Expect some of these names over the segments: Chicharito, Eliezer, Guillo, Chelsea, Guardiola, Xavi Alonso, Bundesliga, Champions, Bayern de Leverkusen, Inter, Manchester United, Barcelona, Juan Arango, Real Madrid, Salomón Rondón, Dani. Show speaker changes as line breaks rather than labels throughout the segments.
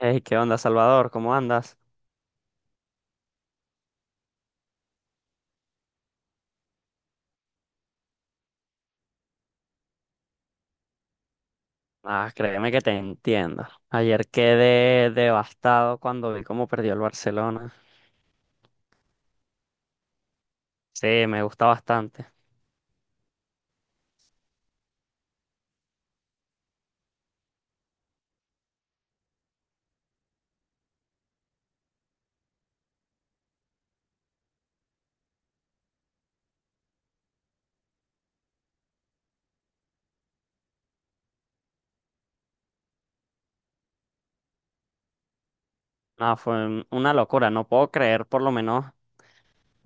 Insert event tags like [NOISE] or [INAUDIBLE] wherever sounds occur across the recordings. Hey, ¿qué onda, Salvador? ¿Cómo andas? Ah, créeme que te entiendo. Ayer quedé devastado cuando vi cómo perdió el Barcelona. Sí, me gusta bastante. No, fue una locura. No puedo creer, por lo menos,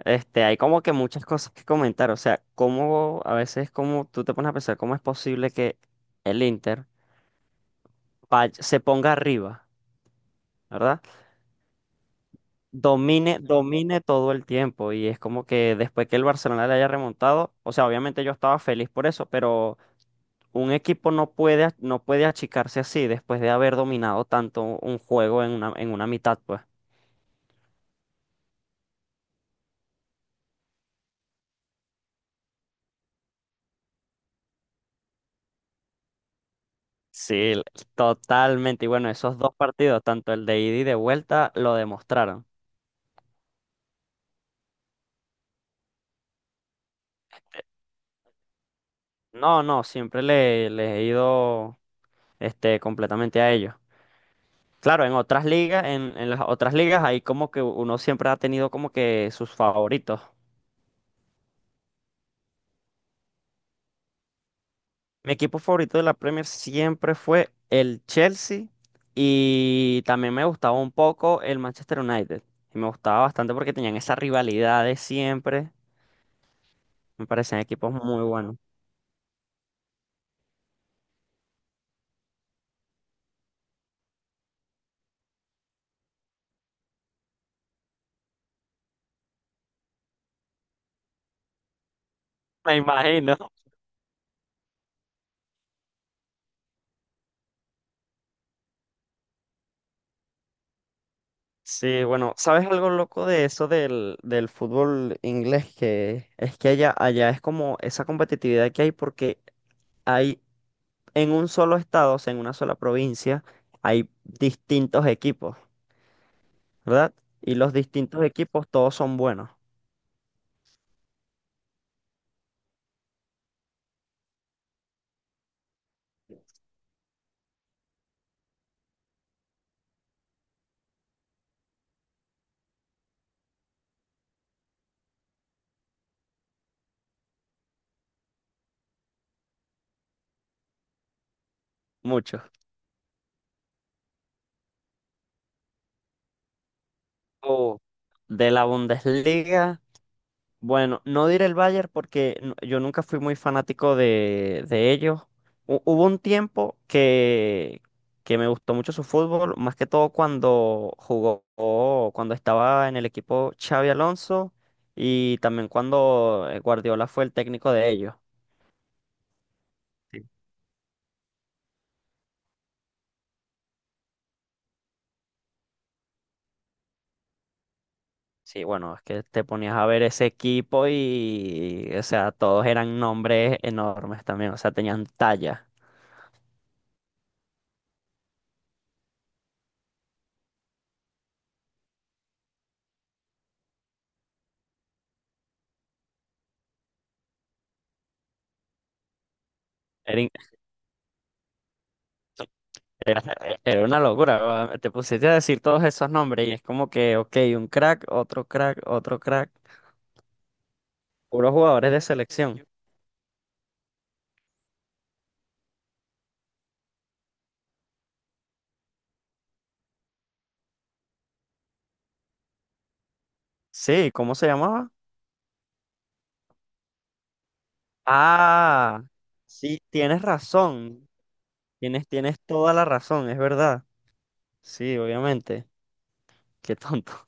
hay como que muchas cosas que comentar. O sea, cómo a veces como tú te pones a pensar cómo es posible que el Inter se ponga arriba, ¿verdad? Domine todo el tiempo. Y es como que después que el Barcelona le haya remontado, o sea, obviamente yo estaba feliz por eso, pero un equipo no puede achicarse así después de haber dominado tanto un juego en una mitad, pues. Sí, totalmente. Y bueno, esos dos partidos, tanto el de ida y de vuelta, lo demostraron. No, no, siempre les he ido, este, completamente a ellos. Claro, en otras ligas, en las otras ligas, ahí como que uno siempre ha tenido como que sus favoritos. Mi equipo favorito de la Premier siempre fue el Chelsea, y también me gustaba un poco el Manchester United. Y me gustaba bastante porque tenían esa rivalidad de siempre. Me parecían equipos muy buenos. Me imagino. Sí, bueno, ¿sabes algo loco de eso del fútbol inglés? Que es que allá, allá es como esa competitividad que hay porque hay en un solo estado, o sea, en una sola provincia, hay distintos equipos, ¿verdad? Y los distintos equipos todos son buenos. Muchos. O de la Bundesliga, bueno, no diré el Bayern porque yo nunca fui muy fanático de ellos. Hubo un tiempo que me gustó mucho su fútbol, más que todo cuando jugó, cuando estaba en el equipo Xavi Alonso y también cuando Guardiola fue el técnico de ellos. Sí. Sí, bueno, es que te ponías a ver ese equipo y, o sea, todos eran nombres enormes también, o sea, tenían talla. Era in- Era Era una locura, te pusiste a decir todos esos nombres y es como que, ok, un crack, otro crack, otro crack, puros jugadores de selección. Sí, ¿cómo se llamaba? Ah, sí, tienes razón, tienes toda la razón, es verdad. Sí, obviamente, qué tonto.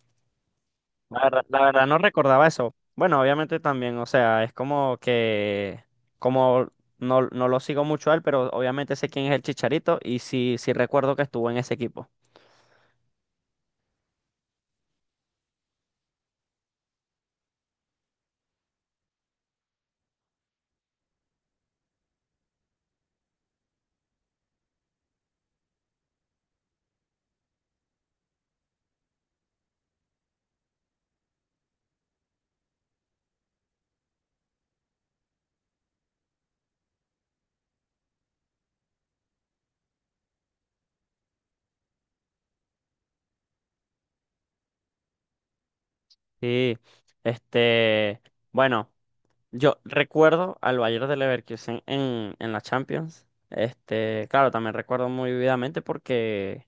La verdad no recordaba eso. Bueno, obviamente también, o sea, es como que, como no, no lo sigo mucho a él, pero obviamente sé quién es el Chicharito y sí, sí recuerdo que estuvo en ese equipo. Sí, este, bueno, yo recuerdo al Bayern de Leverkusen en la Champions. Este, claro, también recuerdo muy vividamente porque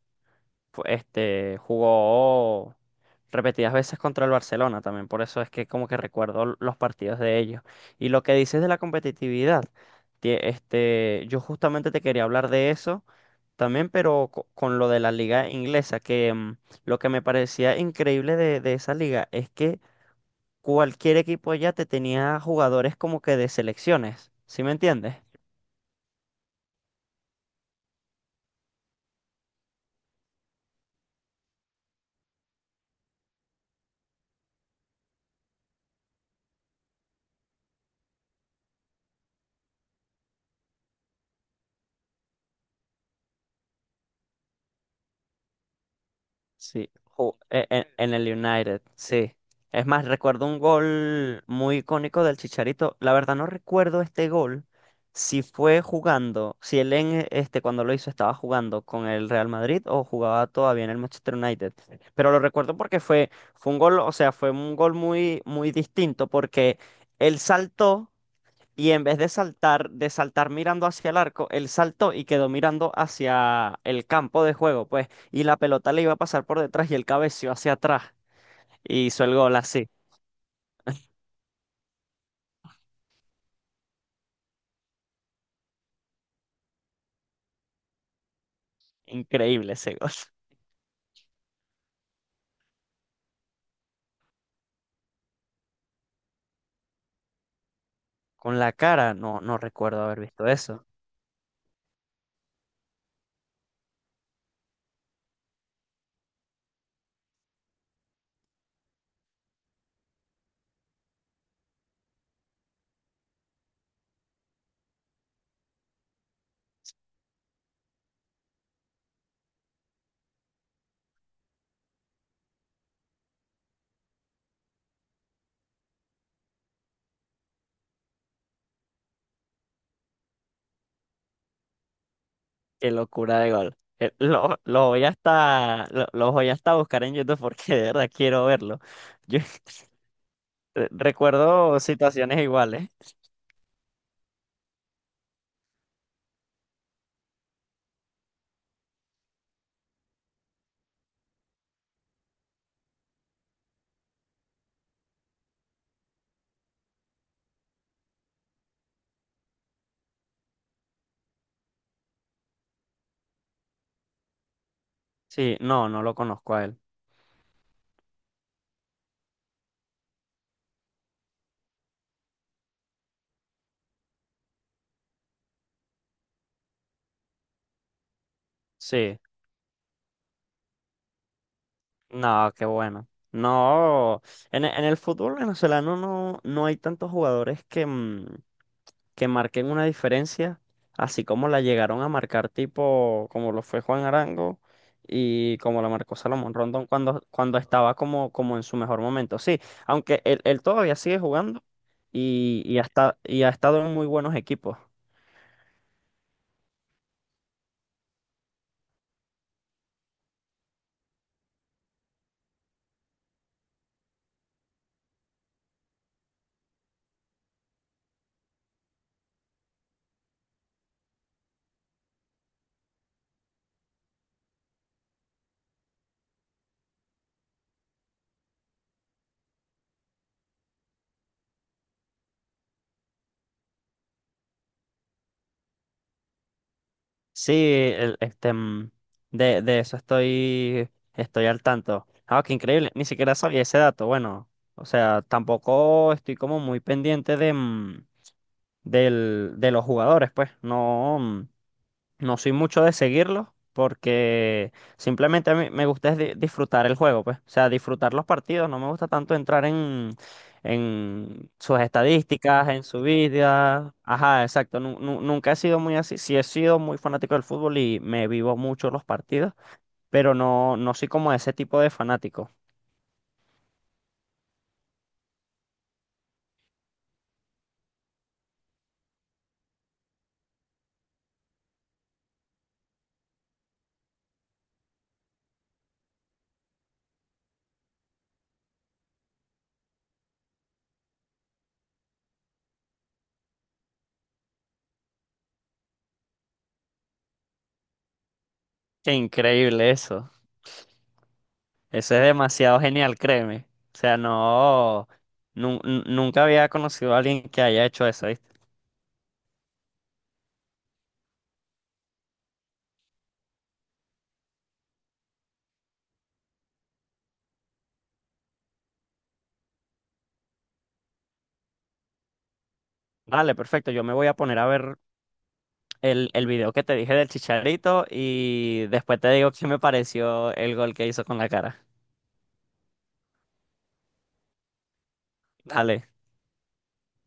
jugó repetidas veces contra el Barcelona también. Por eso es que como que recuerdo los partidos de ellos. Y lo que dices de la competitividad, yo justamente te quería hablar de eso también, pero con lo de la liga inglesa, que lo que me parecía increíble de esa liga es que cualquier equipo ya te tenía jugadores como que de selecciones, ¿sí me entiendes? Sí, el United, sí. Es más, recuerdo un gol muy icónico del Chicharito. La verdad no recuerdo este gol, si fue jugando, si él en e, este cuando lo hizo estaba jugando con el Real Madrid o jugaba todavía en el Manchester United. Pero lo recuerdo porque fue, fue un gol, o sea, fue un gol muy, muy distinto porque él saltó. Y en vez de saltar mirando hacia el arco, él saltó y quedó mirando hacia el campo de juego, pues, y la pelota le iba a pasar por detrás y él cabeció hacia atrás y hizo el gol así. Increíble ese gol. [LAUGHS] Con la cara, no, no recuerdo haber visto eso. Qué locura de gol. Lo voy hasta a buscar en YouTube porque de verdad quiero verlo. Yo [LAUGHS] recuerdo situaciones iguales. Sí, no, no lo conozco a él. Sí. No, qué bueno. No, en, en el fútbol venezolano no, no hay tantos jugadores que, que marquen una diferencia, así como la llegaron a marcar tipo como lo fue Juan Arango y como la marcó Salomón Rondón cuando, cuando estaba como, como en su mejor momento. Sí, aunque él todavía sigue jugando y, y ha estado en muy buenos equipos. Sí, de eso estoy, estoy al tanto. Ah, qué increíble, ni siquiera sabía ese dato. Bueno, o sea, tampoco estoy como muy pendiente de, del, de los jugadores, pues. No, no soy mucho de seguirlos porque simplemente a mí me gusta es disfrutar el juego, pues. O sea, disfrutar los partidos. No me gusta tanto entrar en sus estadísticas, en su vida. Ajá, exacto. Nunca he sido muy así. Sí he sido muy fanático del fútbol y me vivo mucho los partidos, pero no, no soy como ese tipo de fanático. Qué increíble eso. Eso es demasiado genial, créeme. O sea, no, nunca había conocido a alguien que haya hecho eso, ¿viste? Vale, perfecto. Yo me voy a poner a ver el video que te dije del Chicharito y después te digo qué me pareció el gol que hizo con la cara. Dale.